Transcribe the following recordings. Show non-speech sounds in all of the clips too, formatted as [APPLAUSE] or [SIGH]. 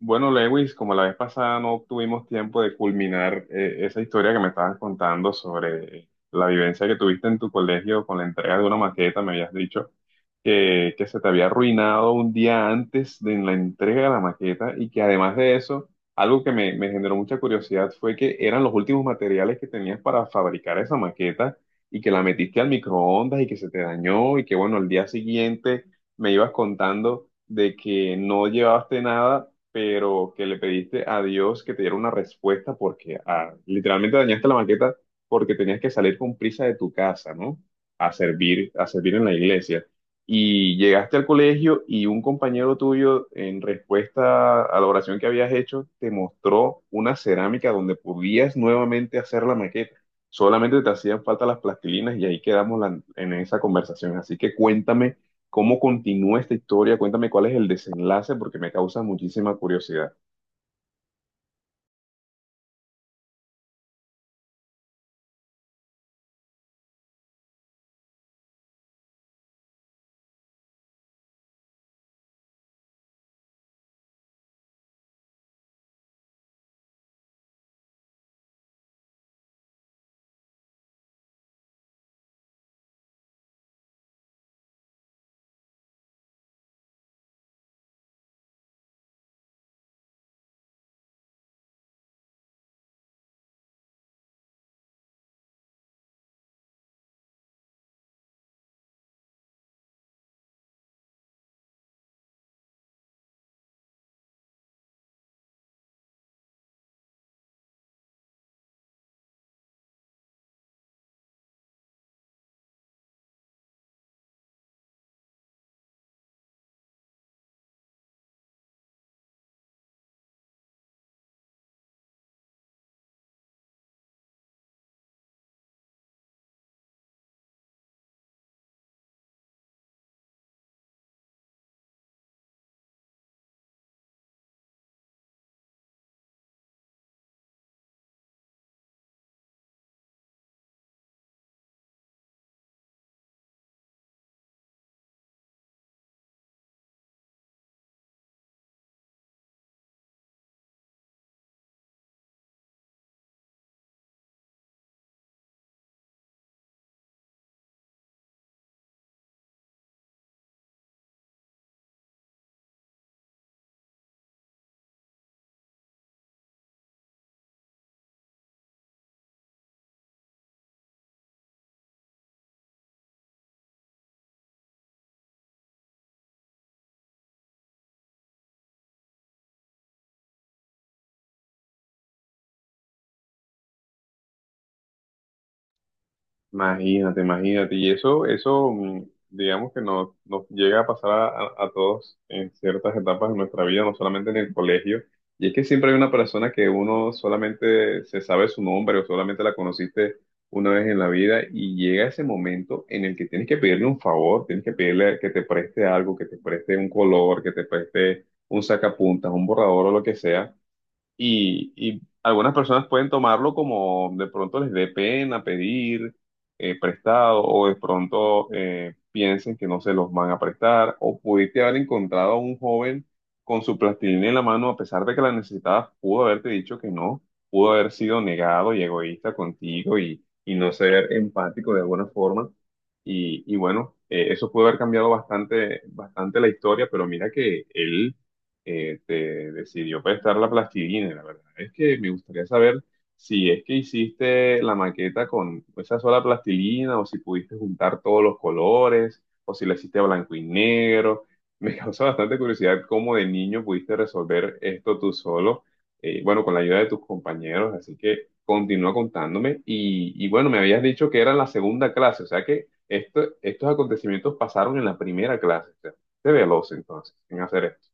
Bueno, Lewis, como la vez pasada no tuvimos tiempo de culminar esa historia que me estabas contando sobre la vivencia que tuviste en tu colegio con la entrega de una maqueta, me habías dicho que se te había arruinado un día antes de la entrega de la maqueta y que además de eso, algo que me generó mucha curiosidad fue que eran los últimos materiales que tenías para fabricar esa maqueta y que la metiste al microondas y que se te dañó y que bueno, al día siguiente me ibas contando de que no llevaste nada pero que le pediste a Dios que te diera una respuesta porque literalmente dañaste la maqueta porque tenías que salir con prisa de tu casa, ¿no? A servir en la iglesia. Y llegaste al colegio y un compañero tuyo, en respuesta a la oración que habías hecho, te mostró una cerámica donde podías nuevamente hacer la maqueta. Solamente te hacían falta las plastilinas y ahí quedamos en esa conversación. Así que cuéntame. ¿Cómo continúa esta historia? Cuéntame cuál es el desenlace porque me causa muchísima curiosidad. Imagínate, imagínate. Y eso, digamos que nos llega a pasar a, a todos en ciertas etapas de nuestra vida, no solamente en el colegio. Y es que siempre hay una persona que uno solamente se sabe su nombre o solamente la conociste una vez en la vida y llega ese momento en el que tienes que pedirle un favor, tienes que pedirle que te preste algo, que te preste un color, que te preste un sacapuntas, un borrador o lo que sea. Y algunas personas pueden tomarlo como de pronto les dé pena pedir prestado o de pronto piensen que no se los van a prestar o pudiste haber encontrado a un joven con su plastilina en la mano a pesar de que la necesitabas, pudo haberte dicho que no, pudo haber sido negado y egoísta contigo y no ser empático de alguna forma. Y bueno, eso pudo haber cambiado bastante, bastante la historia, pero mira que él decidió prestar la plastilina. La verdad es que me gustaría saber si es que hiciste la maqueta con esa sola plastilina o si pudiste juntar todos los colores o si la hiciste a blanco y negro. Me [LAUGHS] causa bastante curiosidad cómo de niño pudiste resolver esto tú solo, bueno, con la ayuda de tus compañeros. Así que continúa contándome. Y bueno, me habías dicho que era en la segunda clase, o sea que estos acontecimientos pasaron en la primera clase. O sea, te veloz entonces en hacer esto.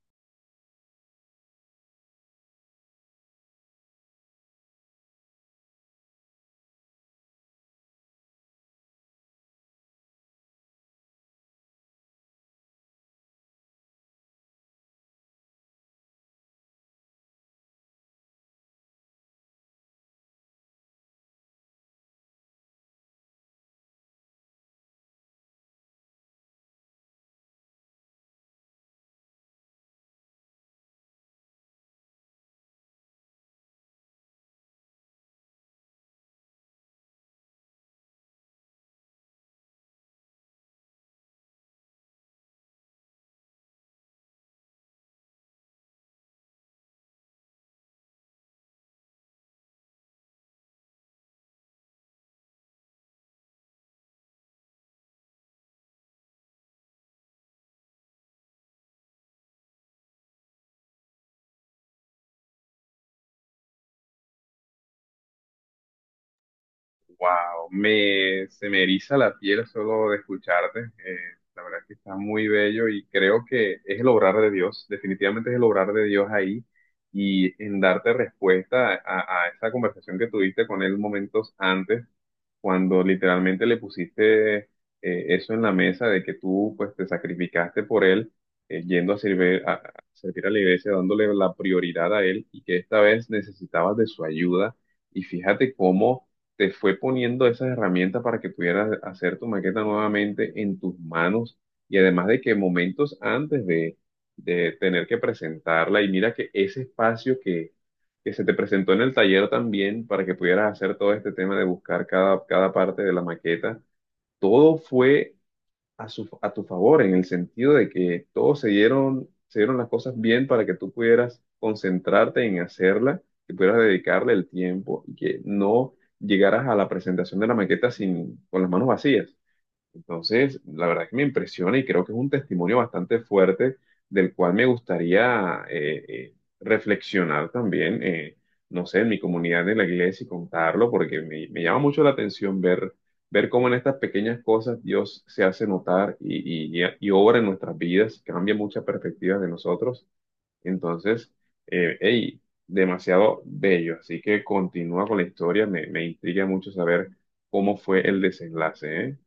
Wow, me, se me eriza la piel solo de escucharte. La verdad es que está muy bello y creo que es el obrar de Dios, definitivamente es el obrar de Dios ahí y en darte respuesta a esa conversación que tuviste con él momentos antes cuando literalmente le pusiste eso en la mesa de que tú pues te sacrificaste por él, yendo a servir a la iglesia dándole la prioridad a él y que esta vez necesitabas de su ayuda y fíjate cómo te fue poniendo esas herramientas para que pudieras hacer tu maqueta nuevamente en tus manos y además de que momentos antes de tener que presentarla y mira que ese espacio que se te presentó en el taller también para que pudieras hacer todo este tema de buscar cada, cada parte de la maqueta, todo fue a, su, a tu favor en el sentido de que todos se dieron las cosas bien para que tú pudieras concentrarte en hacerla, que pudieras dedicarle el tiempo y que no llegaras a la presentación de la maqueta sin, con las manos vacías. Entonces, la verdad que me impresiona y creo que es un testimonio bastante fuerte del cual me gustaría reflexionar también, no sé, en mi comunidad de la iglesia y contarlo, porque me llama mucho la atención ver, ver cómo en estas pequeñas cosas Dios se hace notar y, y obra en nuestras vidas, cambia muchas perspectivas de nosotros. Entonces, hey, demasiado bello. Así que continúa con la historia, me intriga mucho saber cómo fue el desenlace, ¿eh?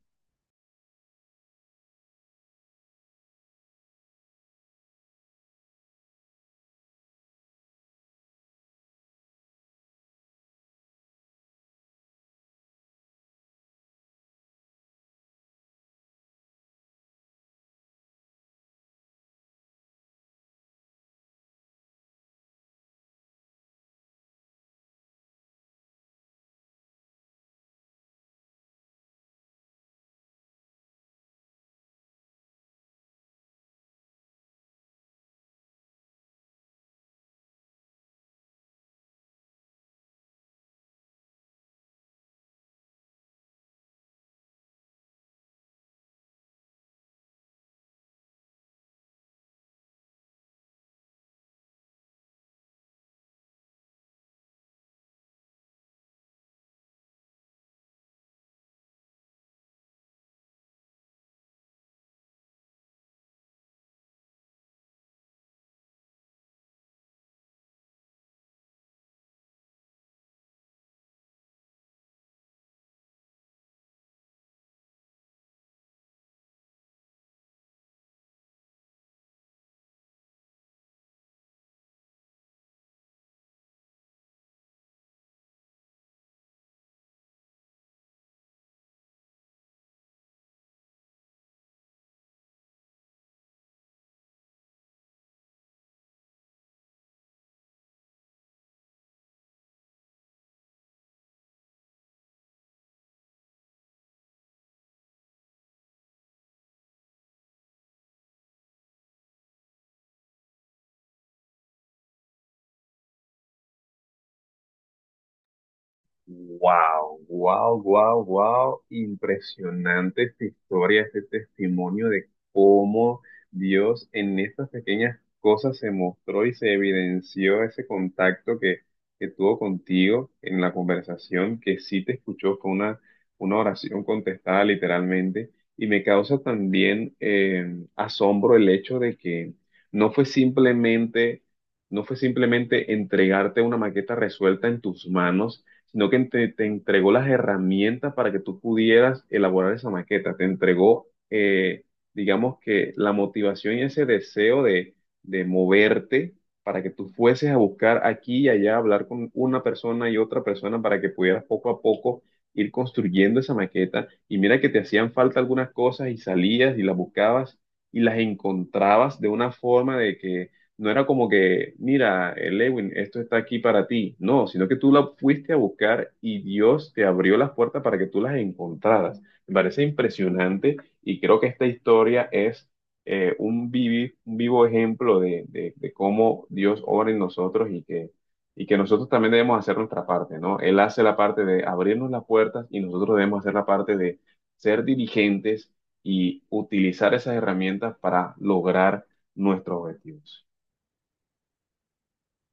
Wow, wow, wow, wow. Impresionante esta historia, este testimonio de cómo Dios en estas pequeñas cosas se mostró y se evidenció ese contacto que tuvo contigo en la conversación, que sí te escuchó, fue una oración contestada literalmente. Y me causa también asombro el hecho de que no fue simplemente no fue simplemente entregarte una maqueta resuelta en tus manos, sino que te entregó las herramientas para que tú pudieras elaborar esa maqueta, te entregó, digamos que la motivación y ese deseo de moverte para que tú fueses a buscar aquí y allá, hablar con una persona y otra persona para que pudieras poco a poco ir construyendo esa maqueta. Y mira que te hacían falta algunas cosas y salías y las buscabas y las encontrabas de una forma de que no era como que, mira, Lewin, esto está aquí para ti. No, sino que tú la fuiste a buscar y Dios te abrió las puertas para que tú las encontraras. Me parece impresionante y creo que esta historia es un, un vivo ejemplo de, de cómo Dios obra en nosotros y que nosotros también debemos hacer nuestra parte, ¿no? Él hace la parte de abrirnos las puertas y nosotros debemos hacer la parte de ser diligentes y utilizar esas herramientas para lograr nuestros objetivos.